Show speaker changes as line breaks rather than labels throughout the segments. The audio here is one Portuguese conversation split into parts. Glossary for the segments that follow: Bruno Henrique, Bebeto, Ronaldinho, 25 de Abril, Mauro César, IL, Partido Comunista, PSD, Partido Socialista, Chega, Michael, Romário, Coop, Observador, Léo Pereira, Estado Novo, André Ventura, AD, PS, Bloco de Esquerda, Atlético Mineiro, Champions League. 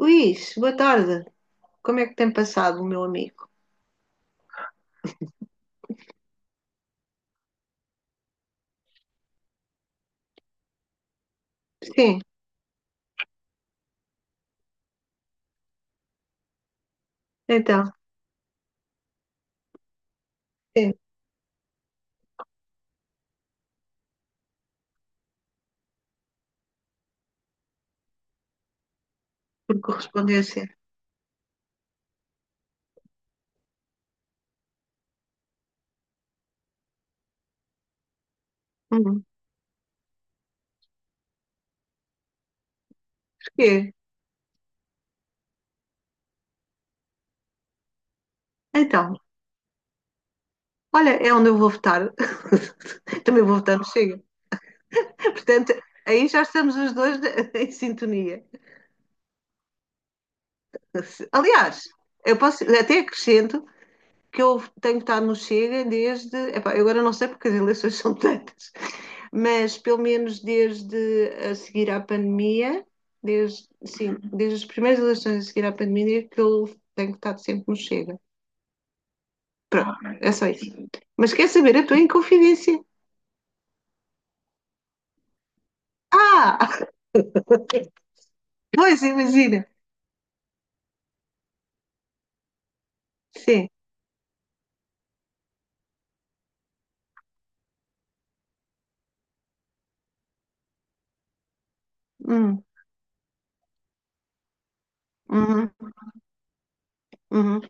Luís, boa tarde. Como é que tem passado, meu amigo? Sim, então, sim, por correspondência. Hum, porquê? Então, olha, é onde eu vou votar. Também vou votar no Chega. Portanto, aí já estamos os dois em sintonia. Aliás, eu posso, até acrescento que eu tenho votado no Chega desde. Epá, eu agora não sei porque as eleições são tantas, mas pelo menos desde a seguir à pandemia, desde, sim, desde as primeiras eleições a seguir à pandemia, é que eu tenho estado sempre no Chega. Pronto, é só isso. Mas quer saber, eu estou em confidência. Ah! Pois, imagina. Sim. Hum, uhum, uhum.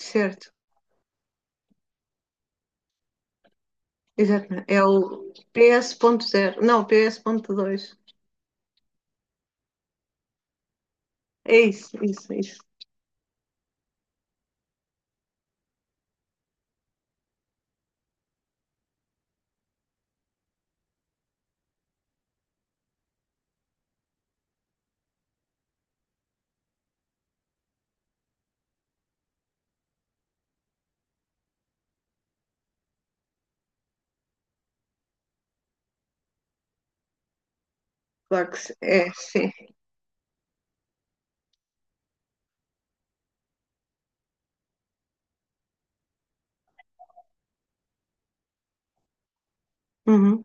Certo. Exatamente. É o PS.0. Não, PS.2. É isso, isso, isso. Claro que é, sim. Uhum.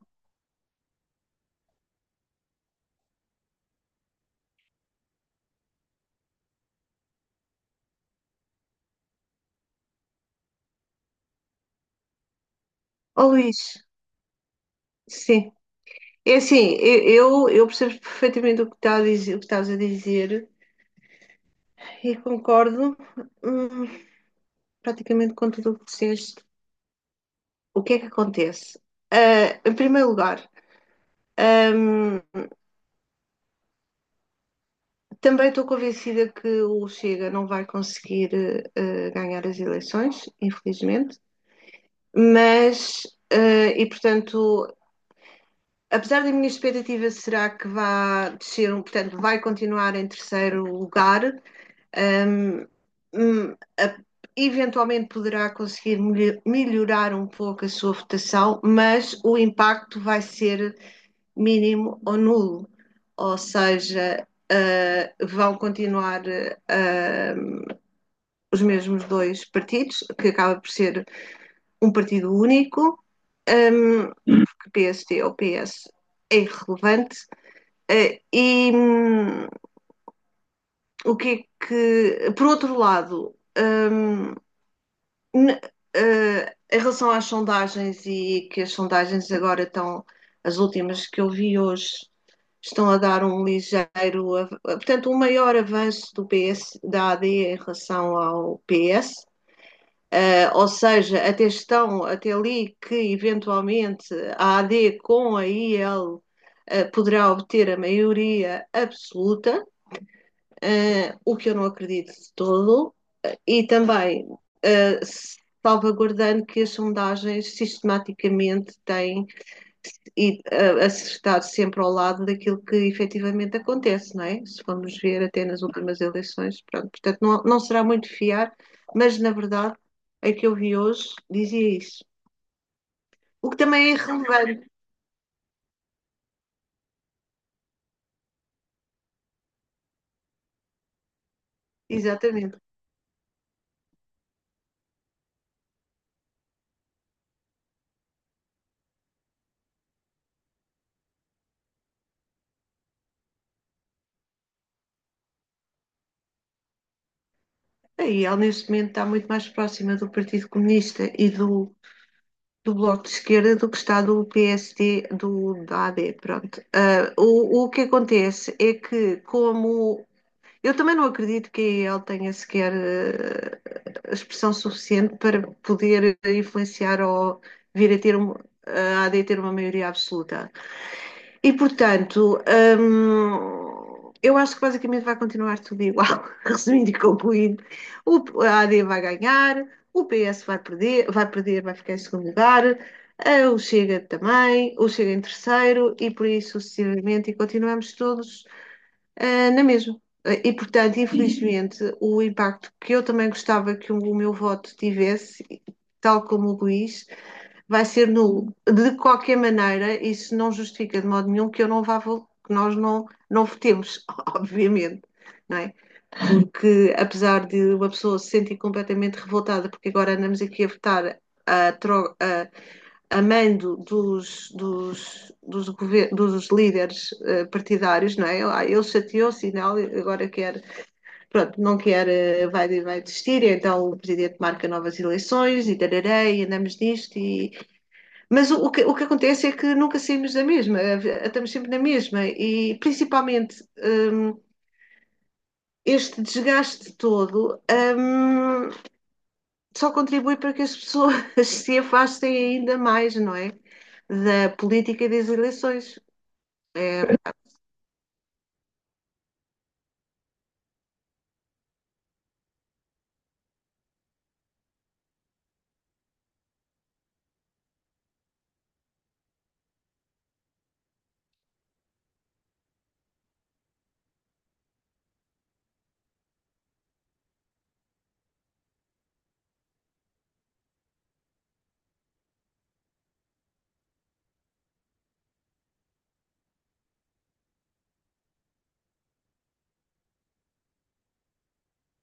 Ó Luís, sim. É assim, eu percebo perfeitamente o que está a dizer, o que estás a dizer e concordo, hum, praticamente com tudo o que disseste. O que é que acontece? Em primeiro lugar, hum, também estou convencida que o Chega não vai conseguir ganhar as eleições, infelizmente, mas, e portanto, apesar da minha expectativa será que vá descer, portanto, vai continuar em terceiro lugar. Ahm, hum, a- eventualmente poderá conseguir melhorar um pouco a sua votação, mas o impacto vai ser mínimo ou nulo. Ou seja, vão continuar ah, os mesmos dois partidos, que acaba por ser um partido único, ahm, porque PST ou PS é irrelevante. E o que é que, por outro lado, N- em relação às sondagens e que as sondagens agora estão, as últimas que eu vi hoje, estão a dar um ligeiro, portanto, um maior avanço do PS, da AD em relação ao PS. Ou seja, até estão, até ali que eventualmente a AD com a IL poderá obter a maioria absoluta, o que eu não acredito de todo. E também eh, salvaguardando que as sondagens sistematicamente têm e a estar sempre ao lado daquilo que efetivamente acontece, não é? Se formos ver até nas últimas eleições, pronto. Portanto, não, não será muito fiar, mas na verdade a que eu vi hoje dizia isso. O que também é irrelevante, exatamente. Aí ela neste momento está muito mais próxima do Partido Comunista e do Bloco de Esquerda do que está do PSD, do, da AD, pronto. O que acontece é que, como... Eu também não acredito que ele tenha sequer expressão suficiente para poder influenciar ou vir a ter um, a AD ter uma maioria absoluta. E portanto, eu acho que basicamente vai continuar tudo igual, resumindo e concluindo. A AD vai ganhar, o PS vai perder, vai ficar em segundo lugar, o Chega também, o Chega em terceiro e por aí sucessivamente, e continuamos todos na mesma. E portanto, infelizmente, o impacto que eu também gostava que o meu voto tivesse, tal como o Luís, vai ser nulo. De qualquer maneira, isso não justifica de modo nenhum que eu não que nós não, não votemos, obviamente. Não é? Porque apesar de uma pessoa se sentir completamente revoltada, porque agora andamos aqui a votar a, tro- a, a mando dos líderes partidários, não é? Ele chateou-se e não, agora quer, pronto, não quer, vai, vai desistir, então o presidente marca novas eleições e tarará, e andamos nisto e, mas o que acontece é que nunca saímos da mesma, estamos sempre na mesma, e principalmente este desgaste todo hum, só contribui para que as pessoas se afastem ainda mais, não é? Da política e das eleições. É,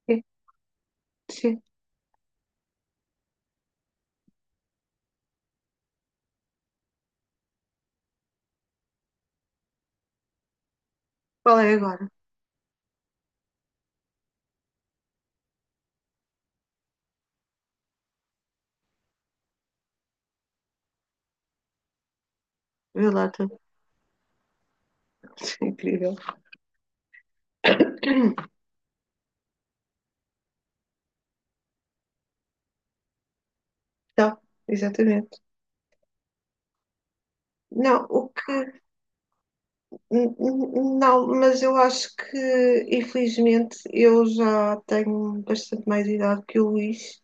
sim, sim. Qual é agora? Vê lá tu. É incrível. Então, exatamente. Não, o que N- n- Não, mas eu acho que, infelizmente, eu já tenho bastante mais idade que o Luís.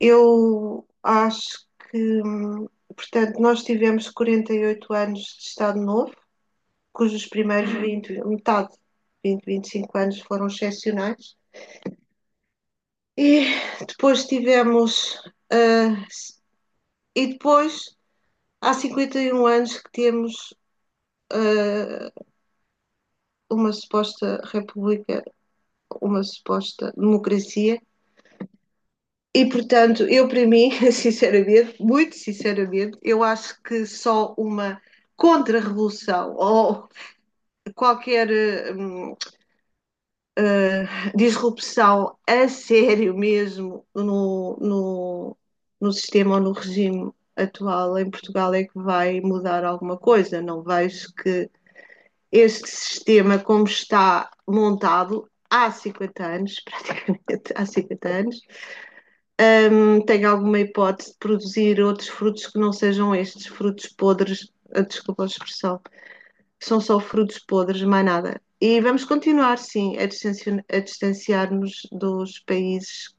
Eu acho que, portanto, nós tivemos 48 anos de Estado Novo, cujos primeiros 20, metade, 20, 25 anos foram excepcionais. E depois tivemos, ah, s- e depois, há 51 anos que temos, ah, uma suposta república, uma suposta democracia. E, portanto, eu, para mim, sinceramente, muito sinceramente, eu acho que só uma contra-revolução ou qualquer hum, disrupção a sério mesmo no, no sistema ou no regime atual em Portugal é que vai mudar alguma coisa. Não vejo que este sistema, como está montado há 50 anos, praticamente há 50 anos, tem alguma hipótese de produzir outros frutos que não sejam estes frutos podres? Ah, desculpa a expressão. São só frutos podres, mais nada. E vamos continuar, sim, a distanciar-nos dos países,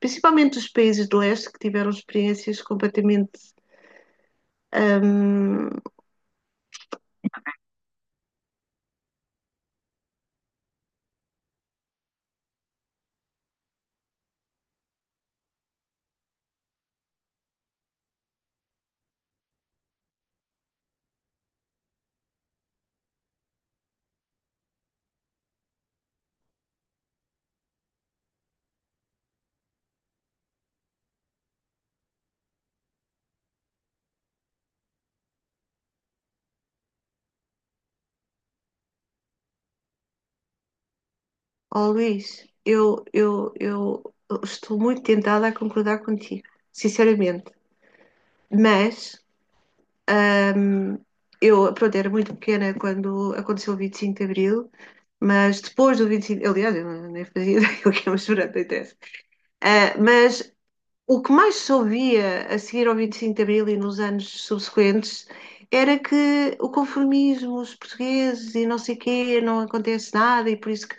principalmente dos países do leste, que tiveram experiências completamente. hum, oh, Luís, eu estou muito tentada a concordar contigo, sinceramente. Mas Ahm, eu, pronto, era muito pequena quando aconteceu o 25 de Abril, mas depois do 25, aliás, eu nem fazia ideia o que é uma chorando acontece. Ah, mas o que mais se ouvia a seguir ao 25 de Abril e nos anos subsequentes era que o conformismo, os portugueses e não sei quê, não acontece nada e por isso que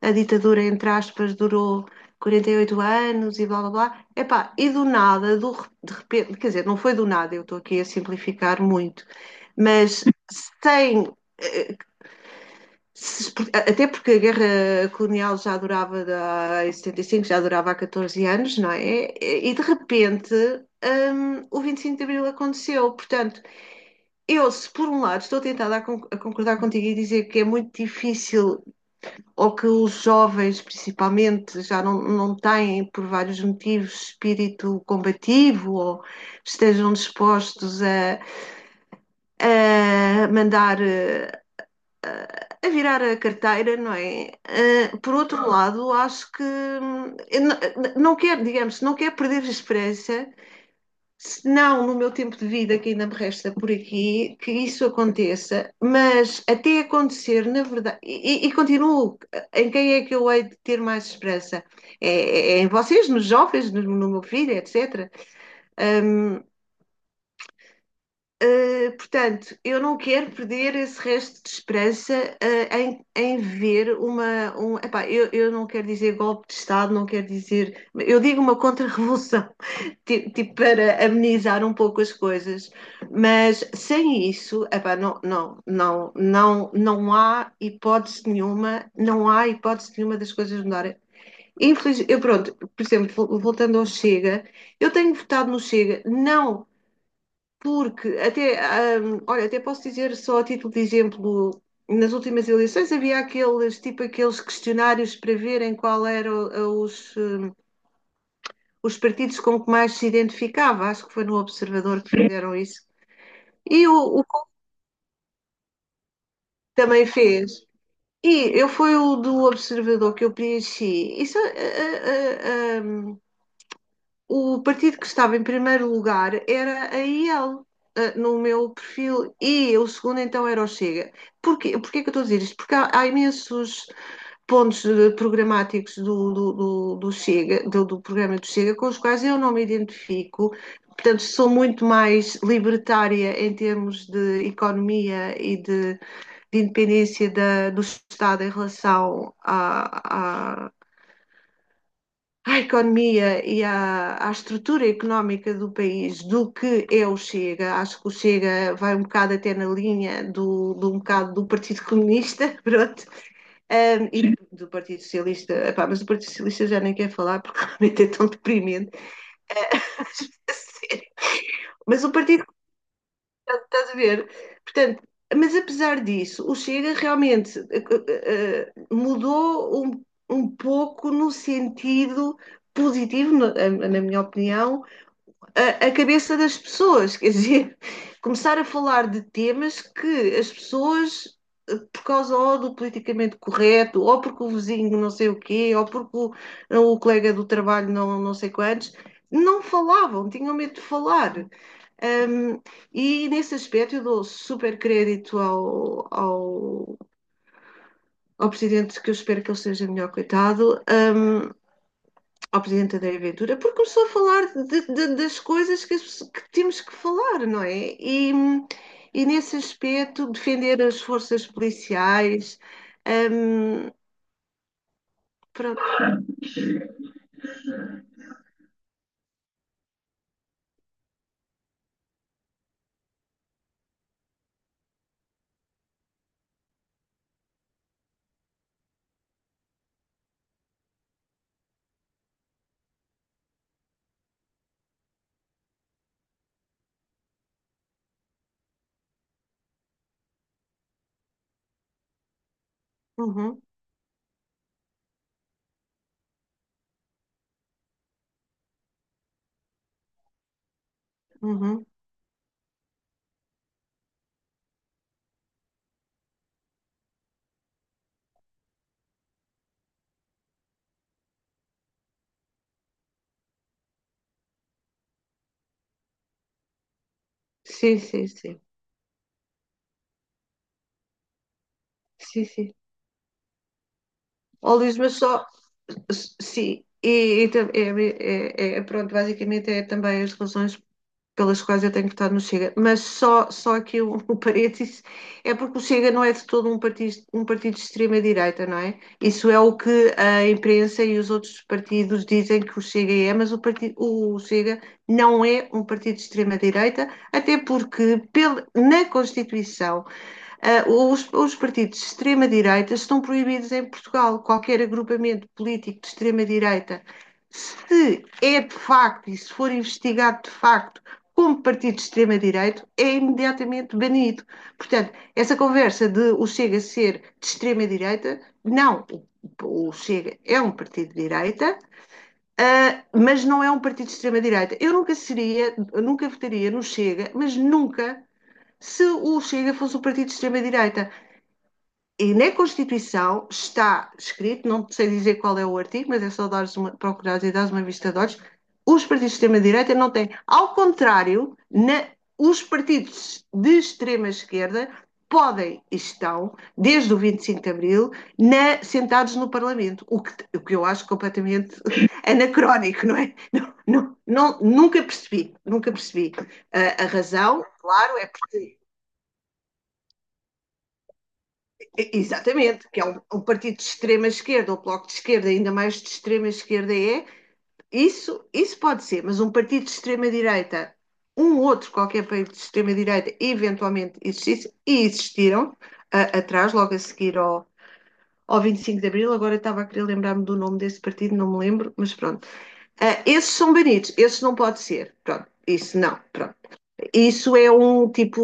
a ditadura, entre aspas, durou 48 anos e blá blá blá. Epá, e do nada, de repente, quer dizer, não foi do nada, eu estou aqui a simplificar muito, mas sem eh, até porque a guerra colonial já durava em 75, já durava há 14 anos, não é? E de repente, o 25 de Abril aconteceu. Portanto, eu, se por um lado estou tentada a concordar contigo e dizer que é muito difícil, ou que os jovens, principalmente, já não, não têm, por vários motivos, espírito combativo, ou estejam dispostos a mandar a virar a carteira, não é? Por outro lado, acho que eu não quero, digamos, não quero perder a esperança, se não no meu tempo de vida que ainda me resta por aqui, que isso aconteça, mas até acontecer, na verdade, e continuo, em quem é que eu hei de ter mais esperança? É, é em vocês, nos jovens, no meu filho, etc. Hum, portanto, eu não quero perder esse resto de esperança em, ver uma. Epá, eu não quero dizer golpe de Estado, não quero dizer. Eu digo uma contra-revolução, tipo, para amenizar um pouco as coisas, mas sem isso, epá, não, não, não, não, não há hipótese nenhuma, não há hipótese nenhuma das coisas mudarem. Infeliz, eu pronto, por exemplo, voltando ao Chega, eu tenho votado no Chega, não porque até, olha, até posso dizer só a título de exemplo, nas últimas eleições havia aqueles, tipo aqueles questionários para verem qual eram os, hum, os partidos com que mais se identificava. Acho que foi no Observador que fizeram isso. E o Coop também fez. E eu foi o do Observador que eu preenchi. Isso, ah, ah, hum, o partido que estava em primeiro lugar era a IEL, no meu perfil, e o segundo então era o Chega. Porquê, porquê que eu estou a dizer isto? Porque há imensos pontos programáticos do Chega, do programa do Chega, com os quais eu não me identifico. Portanto, sou muito mais libertária em termos de economia e de independência da, do Estado em relação à economia e à estrutura económica do país do que é o Chega. Acho que o Chega vai um bocado até na linha do um bocado do Partido Comunista, pronto. E do Partido Socialista, epá, mas o Partido Socialista já nem quer falar porque realmente é tão deprimente. É, mas, o Partido, estás a ver? Portanto, mas apesar disso, o Chega realmente mudou um pouco no sentido positivo, na minha opinião, a cabeça das pessoas, quer dizer, começar a falar de temas que as pessoas, por causa ou do politicamente correto, ou porque o vizinho não sei o quê, ou porque o colega do trabalho não, não sei quantos, não falavam, tinham medo de falar. Um, e nesse aspecto eu dou super crédito ao presidente, que eu espero que ele seja melhor coitado, ao Presidente André Ventura, porque começou a falar das coisas que temos que falar, não é? E nesse aspecto, defender as forças policiais, hum, pronto, Uhum, uhum. Sim, sim, sim, sim, sim. Ó, Luís, mas só, sim, pronto, basicamente é também as relações pelas quais eu tenho votado no Chega, mas só aqui o parênteses é porque o Chega não é de todo um partido de extrema-direita, não é? Isso é o que a imprensa e os outros partidos dizem que o Chega é, mas o, partido, o Chega não é um partido de extrema-direita, até porque pel, na Constituição. Os, partidos de extrema-direita estão proibidos em Portugal. Qualquer agrupamento político de extrema-direita, se é de facto e se for investigado de facto como partido de extrema-direita, é imediatamente banido. Portanto, essa conversa de o Chega ser de extrema-direita, não. O, Chega é um partido de direita, mas não é um partido de extrema-direita. Eu nunca seria, nunca votaria no Chega, mas nunca se o Chega fosse um partido de extrema-direita. E na Constituição está escrito, não sei dizer qual é o artigo, mas é só dares uma, procurares e dares uma vista de olhos, os partidos de extrema-direita não têm. Ao contrário, na, os partidos de extrema-esquerda podem e estão, desde o 25 de Abril, na, sentados no Parlamento, o que eu acho completamente anacrónico, não é? Não, não, não nunca percebi, nunca percebi. A razão, claro, é porque... Exatamente, que é um, um partido de extrema esquerda, ou bloco de esquerda, ainda mais de extrema esquerda é, isso pode ser, mas um partido de extrema direita, um outro qualquer partido de extrema direita, eventualmente existisse, e existiram atrás, logo a seguir ao, ao 25 de Abril, agora eu estava a querer lembrar-me do nome desse partido, não me lembro, mas pronto. Ah, esses são banidos, esses não pode ser, pronto, isso não, pronto. Isso é um tipo,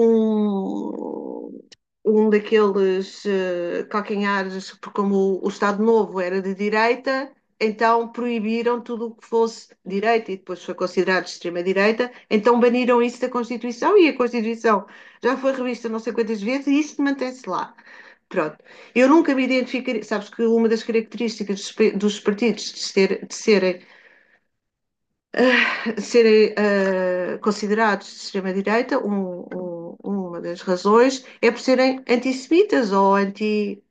um um daqueles calcanhares, porque como o Estado Novo era de direita, então proibiram tudo o que fosse direita e depois foi considerado de extrema-direita, então baniram isso da Constituição e a Constituição já foi revista não sei quantas vezes e isso mantém-se lá. Pronto. Eu nunca me identificaria. Sabes que uma das características dos partidos de, de serem considerados de extrema-direita, uma das razões, é por serem antissemitas ou anti,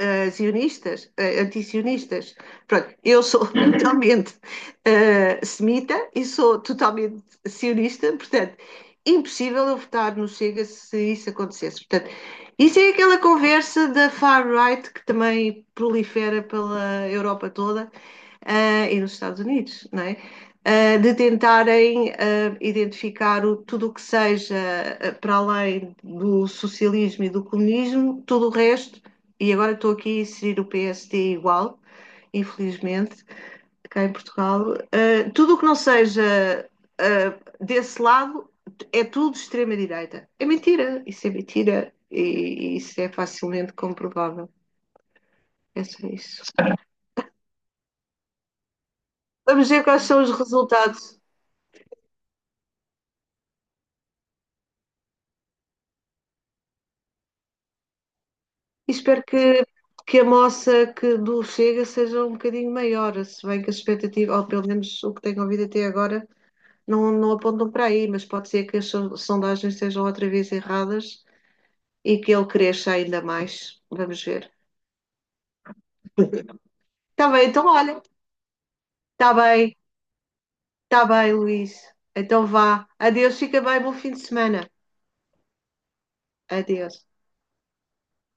zionistas, antisionistas. Pronto, eu sou totalmente semita e sou totalmente sionista, portanto, impossível eu votar no Chega se isso acontecesse. Portanto, isso é aquela conversa da far-right que também prolifera pela Europa toda e nos Estados Unidos, não é? De tentarem identificar tudo o que seja para além do socialismo e do comunismo, tudo o resto, e agora estou aqui a inserir o PSD igual, infelizmente, cá em Portugal, tudo o que não seja desse lado é tudo extrema-direita. É mentira, isso é mentira e isso é facilmente comprovável. É só isso. Vamos ver quais são os resultados. E espero que a moça que do Chega seja um bocadinho maior, se bem que as expectativas, ou pelo menos o que tenho ouvido até agora, não, não apontam para aí, mas pode ser que as sondagens estejam outra vez erradas e que ele cresça ainda mais. Vamos ver. Está bem, então olha. Está bem, está bem, Luís. Então vá. Adeus, fica bem, bom fim de semana. Adeus.